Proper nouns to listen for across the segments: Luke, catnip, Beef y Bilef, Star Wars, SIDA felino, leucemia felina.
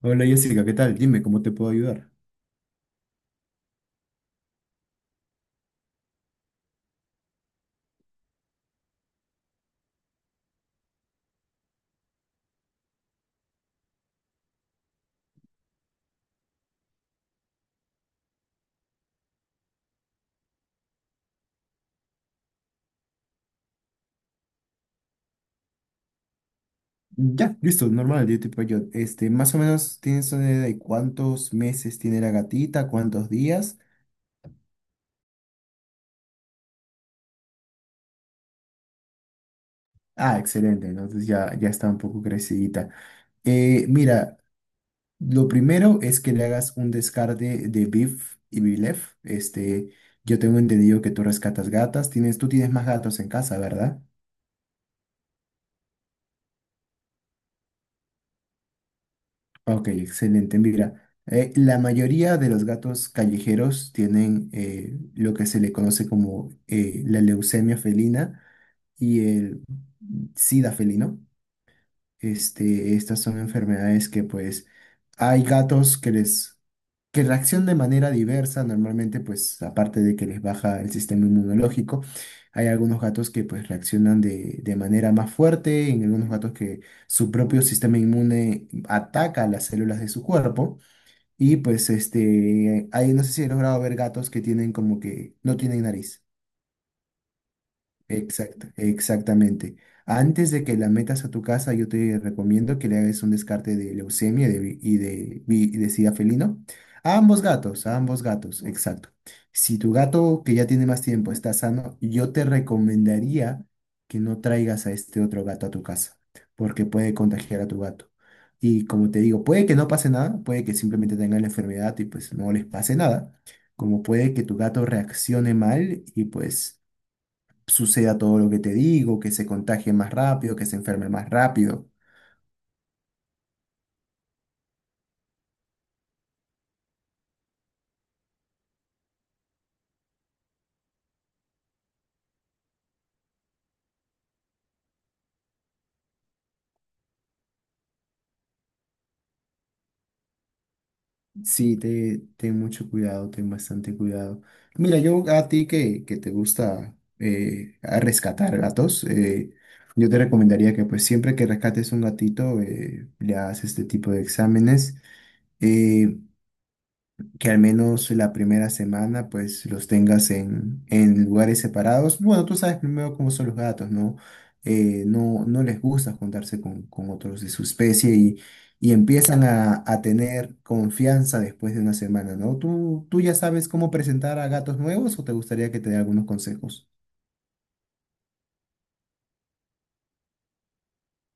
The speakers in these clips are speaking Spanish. Hola Jessica, ¿qué tal? Dime, ¿cómo te puedo ayudar? Ya, listo, normal, yo te puedo ayudar. Este, más o menos tienes una idea de cuántos meses tiene la gatita, cuántos días. Ah, excelente, entonces ya, ya está un poco crecidita. Mira, lo primero es que le hagas un descarte de Beef y Bilef. Este, yo tengo entendido que tú rescatas gatas, tienes, tú tienes más gatos en casa, ¿verdad? Ok, excelente. Mira, la mayoría de los gatos callejeros tienen lo que se le conoce como la leucemia felina y el SIDA felino. Este, estas son enfermedades que pues hay gatos que les, que reaccionan de manera diversa, normalmente pues aparte de que les baja el sistema inmunológico, hay algunos gatos que pues reaccionan de manera más fuerte, en algunos gatos que su propio sistema inmune ataca las células de su cuerpo y pues este, ahí no sé si he logrado ver gatos que tienen como que no tienen nariz. Exacta, exactamente. Antes de que la metas a tu casa, yo te recomiendo que le hagas un descarte de leucemia y de sida felino. A ambos gatos, exacto. Si tu gato que ya tiene más tiempo está sano, yo te recomendaría que no traigas a este otro gato a tu casa, porque puede contagiar a tu gato. Y como te digo, puede que no pase nada, puede que simplemente tengan la enfermedad y pues no les pase nada, como puede que tu gato reaccione mal y pues suceda todo lo que te digo, que se contagie más rápido, que se enferme más rápido. Sí, te, ten mucho cuidado, ten bastante cuidado. Mira, yo a ti que te gusta a rescatar gatos, yo te recomendaría que pues siempre que rescates un gatito le hagas este tipo de exámenes. Eh, que al menos la primera semana pues los tengas en lugares separados. Bueno, tú sabes primero cómo son los gatos, ¿no? No, no les gusta juntarse con otros de su especie y empiezan a tener confianza después de una semana, ¿no? ¿Tú, tú ya sabes cómo presentar a gatos nuevos o te gustaría que te dé algunos consejos?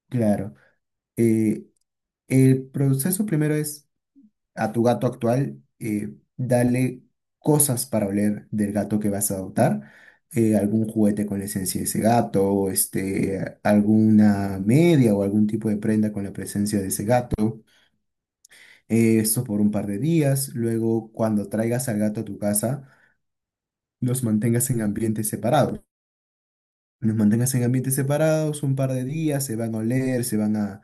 Claro. Eh, el proceso primero es a tu gato actual, dale cosas para oler del gato que vas a adoptar, algún juguete con la esencia de ese gato, o, este, alguna media o algún tipo de prenda con la presencia de ese gato, esto por un par de días, luego cuando traigas al gato a tu casa, los mantengas en ambientes separados. Los mantengas en ambientes separados un par de días, se van a oler, se van a,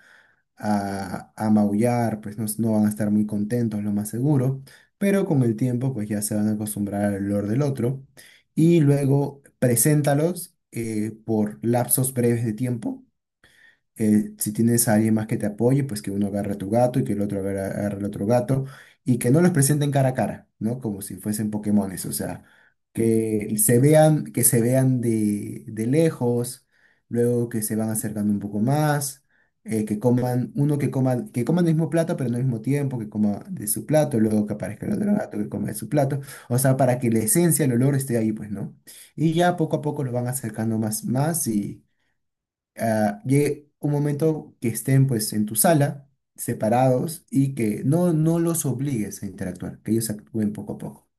a, a maullar, pues no, no van a estar muy contentos, lo más seguro, pero con el tiempo pues ya se van a acostumbrar al olor del otro y luego preséntalos por lapsos breves de tiempo si tienes a alguien más que te apoye, pues que uno agarre a tu gato y que el otro agarre al otro gato y que no los presenten cara a cara, ¿no? Como si fuesen Pokémones, o sea, que se vean de lejos, luego que se van acercando un poco más, que coman, uno que coma, que coman el mismo plato, pero no al mismo tiempo, que coma de su plato, luego que aparezca el otro gato que coma de su plato, o sea, para que la esencia, el olor esté ahí, pues, ¿no? Y ya poco a poco lo van acercando más, más y llegue un momento que estén pues en tu sala, separados, y que no, no los obligues a interactuar, que ellos actúen poco a poco.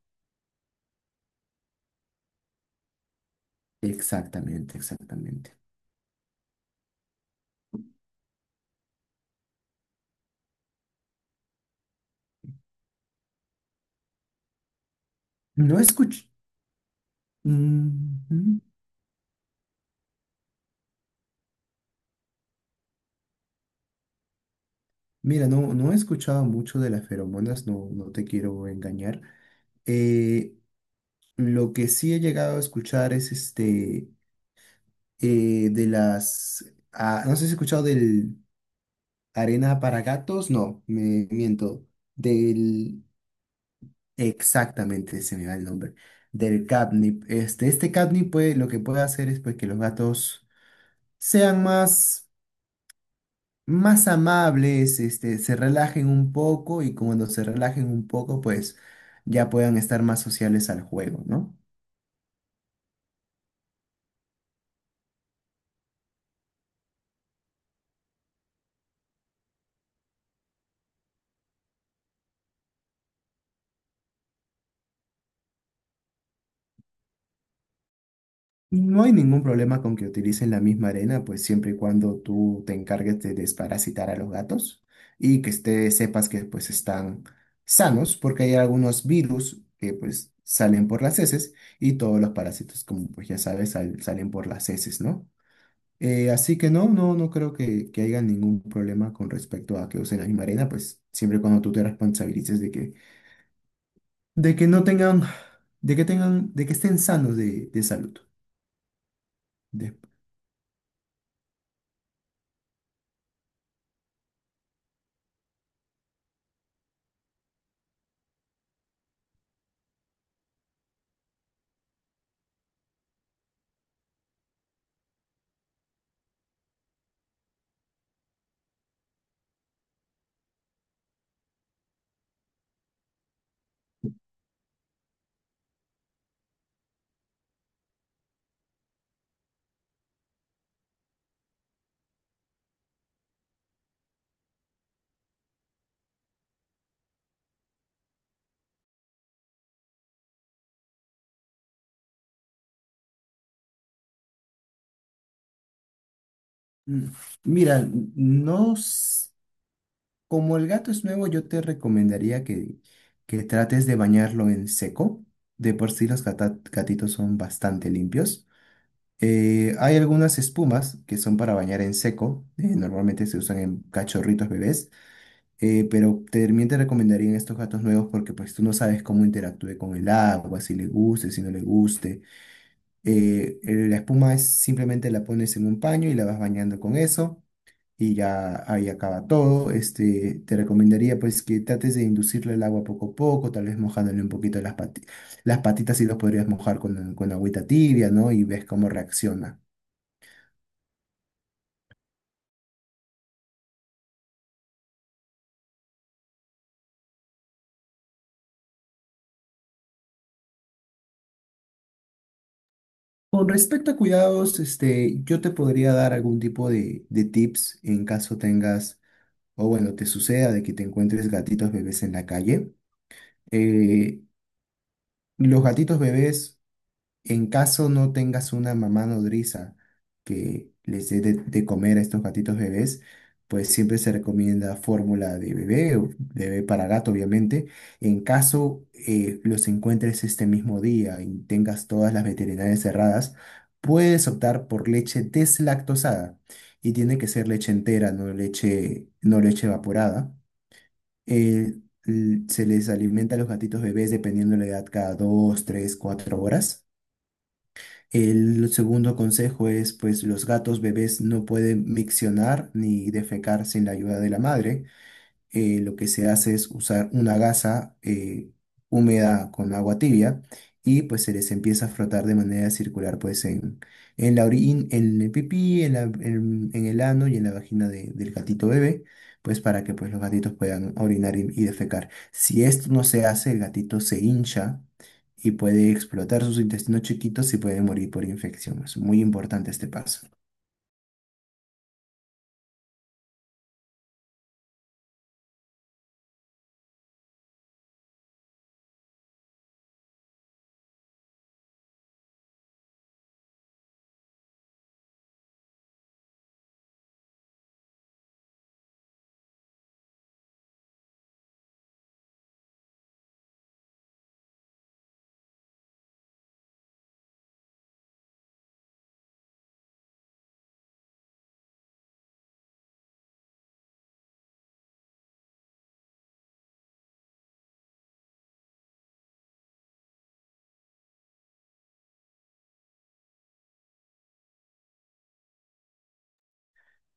Exactamente, exactamente. No escuch... Mm, Mira, no, no he escuchado mucho de las feromonas, no, no te quiero engañar. Eh, lo que sí he llegado a escuchar es este de las no sé si has escuchado del arena para gatos, no, me miento, del... Exactamente, se me va el nombre. Del catnip. Este catnip puede, lo que puede hacer es pues, que los gatos sean más, más amables, este, se relajen un poco y cuando se relajen un poco, pues ya puedan estar más sociales al juego, ¿no? No hay ningún problema con que utilicen la misma arena, pues siempre y cuando tú te encargues de desparasitar a los gatos y que esté, sepas que pues están sanos, porque hay algunos virus que pues salen por las heces y todos los parásitos, como pues ya sabes, sal- salen por las heces, ¿no? Así que no, no, no creo que haya ningún problema con respecto a que usen la misma arena, pues siempre y cuando tú te responsabilices de que no tengan, de que tengan, de que estén sanos de salud. Mm, Mira, no, s- como el gato es nuevo, yo te recomendaría que trates de bañarlo en seco. De por sí los gata- gatitos son bastante limpios. Hay algunas espumas que son para bañar en seco. Normalmente se usan en cachorritos bebés. Pero también te recomendaría en estos gatos nuevos porque pues tú no sabes cómo interactúe con el agua, si le guste, si no le guste. La espuma es simplemente la pones en un paño y la vas bañando con eso y ya ahí acaba todo. Este, te recomendaría pues que trates de inducirle el agua poco a poco, tal vez mojándole un poquito las patitas y los podrías mojar con agüita tibia, ¿no? Y ves cómo reacciona. Con respecto a cuidados, este, yo te podría dar algún tipo de tips en caso tengas, o bueno, te suceda de que te encuentres gatitos bebés en la calle. Eh, los gatitos bebés... En caso no tengas una mamá nodriza que les dé de comer a estos gatitos bebés, pues siempre se recomienda fórmula de bebé o de bebé para gato, obviamente. En caso los encuentres este mismo día y tengas todas las veterinarias cerradas, puedes optar por leche deslactosada y tiene que ser leche entera, no leche, no leche evaporada. Eh, l- se les alimenta a los gatitos bebés dependiendo de la edad cada 2, 3, 4 horas. El segundo consejo es, pues los gatos bebés no pueden miccionar ni defecar sin la ayuda de la madre lo que se hace es usar una gasa húmeda con agua tibia y pues se les empieza a frotar de manera circular pues en la orina, en el pipí, en la- en el ano y en la vagina de- del gatito bebé, pues para que pues los gatitos puedan orinar y defecar. Si esto no se hace, el gatito se hincha y puede explotar sus intestinos chiquitos y puede morir por infección. Es muy importante este paso.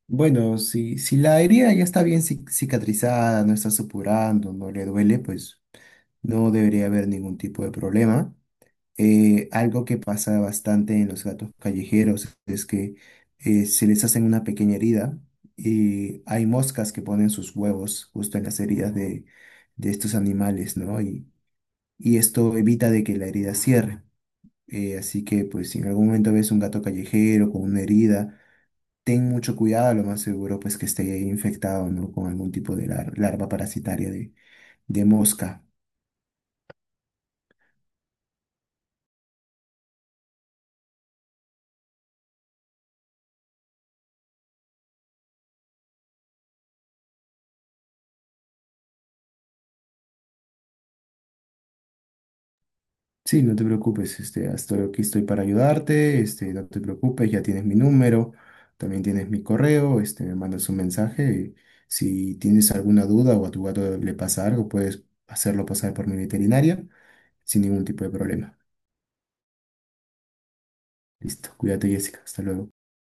Bueno, si, si la herida ya está bien cic- cicatrizada, no está supurando, no le duele, pues no debería haber ningún tipo de problema. Algo que pasa bastante en los gatos callejeros es que se les hacen una pequeña herida y hay moscas que ponen sus huevos justo en las heridas de estos animales, ¿no? Y esto evita de que la herida cierre. Así que pues si en algún momento ves un gato callejero con una herida, ten mucho cuidado, lo más seguro pues que esté ahí infectado, ¿no? Con algún tipo de lar- larva parasitaria de mosca. Sí, no te preocupes, este, estoy aquí estoy para ayudarte, este, no te preocupes, ya tienes mi número, también tienes mi correo, este, me mandas un mensaje. Si tienes alguna duda o a tu gato le pasa algo, puedes hacerlo pasar por mi veterinaria sin ningún tipo de problema. Listo, cuídate, Jessica, hasta luego.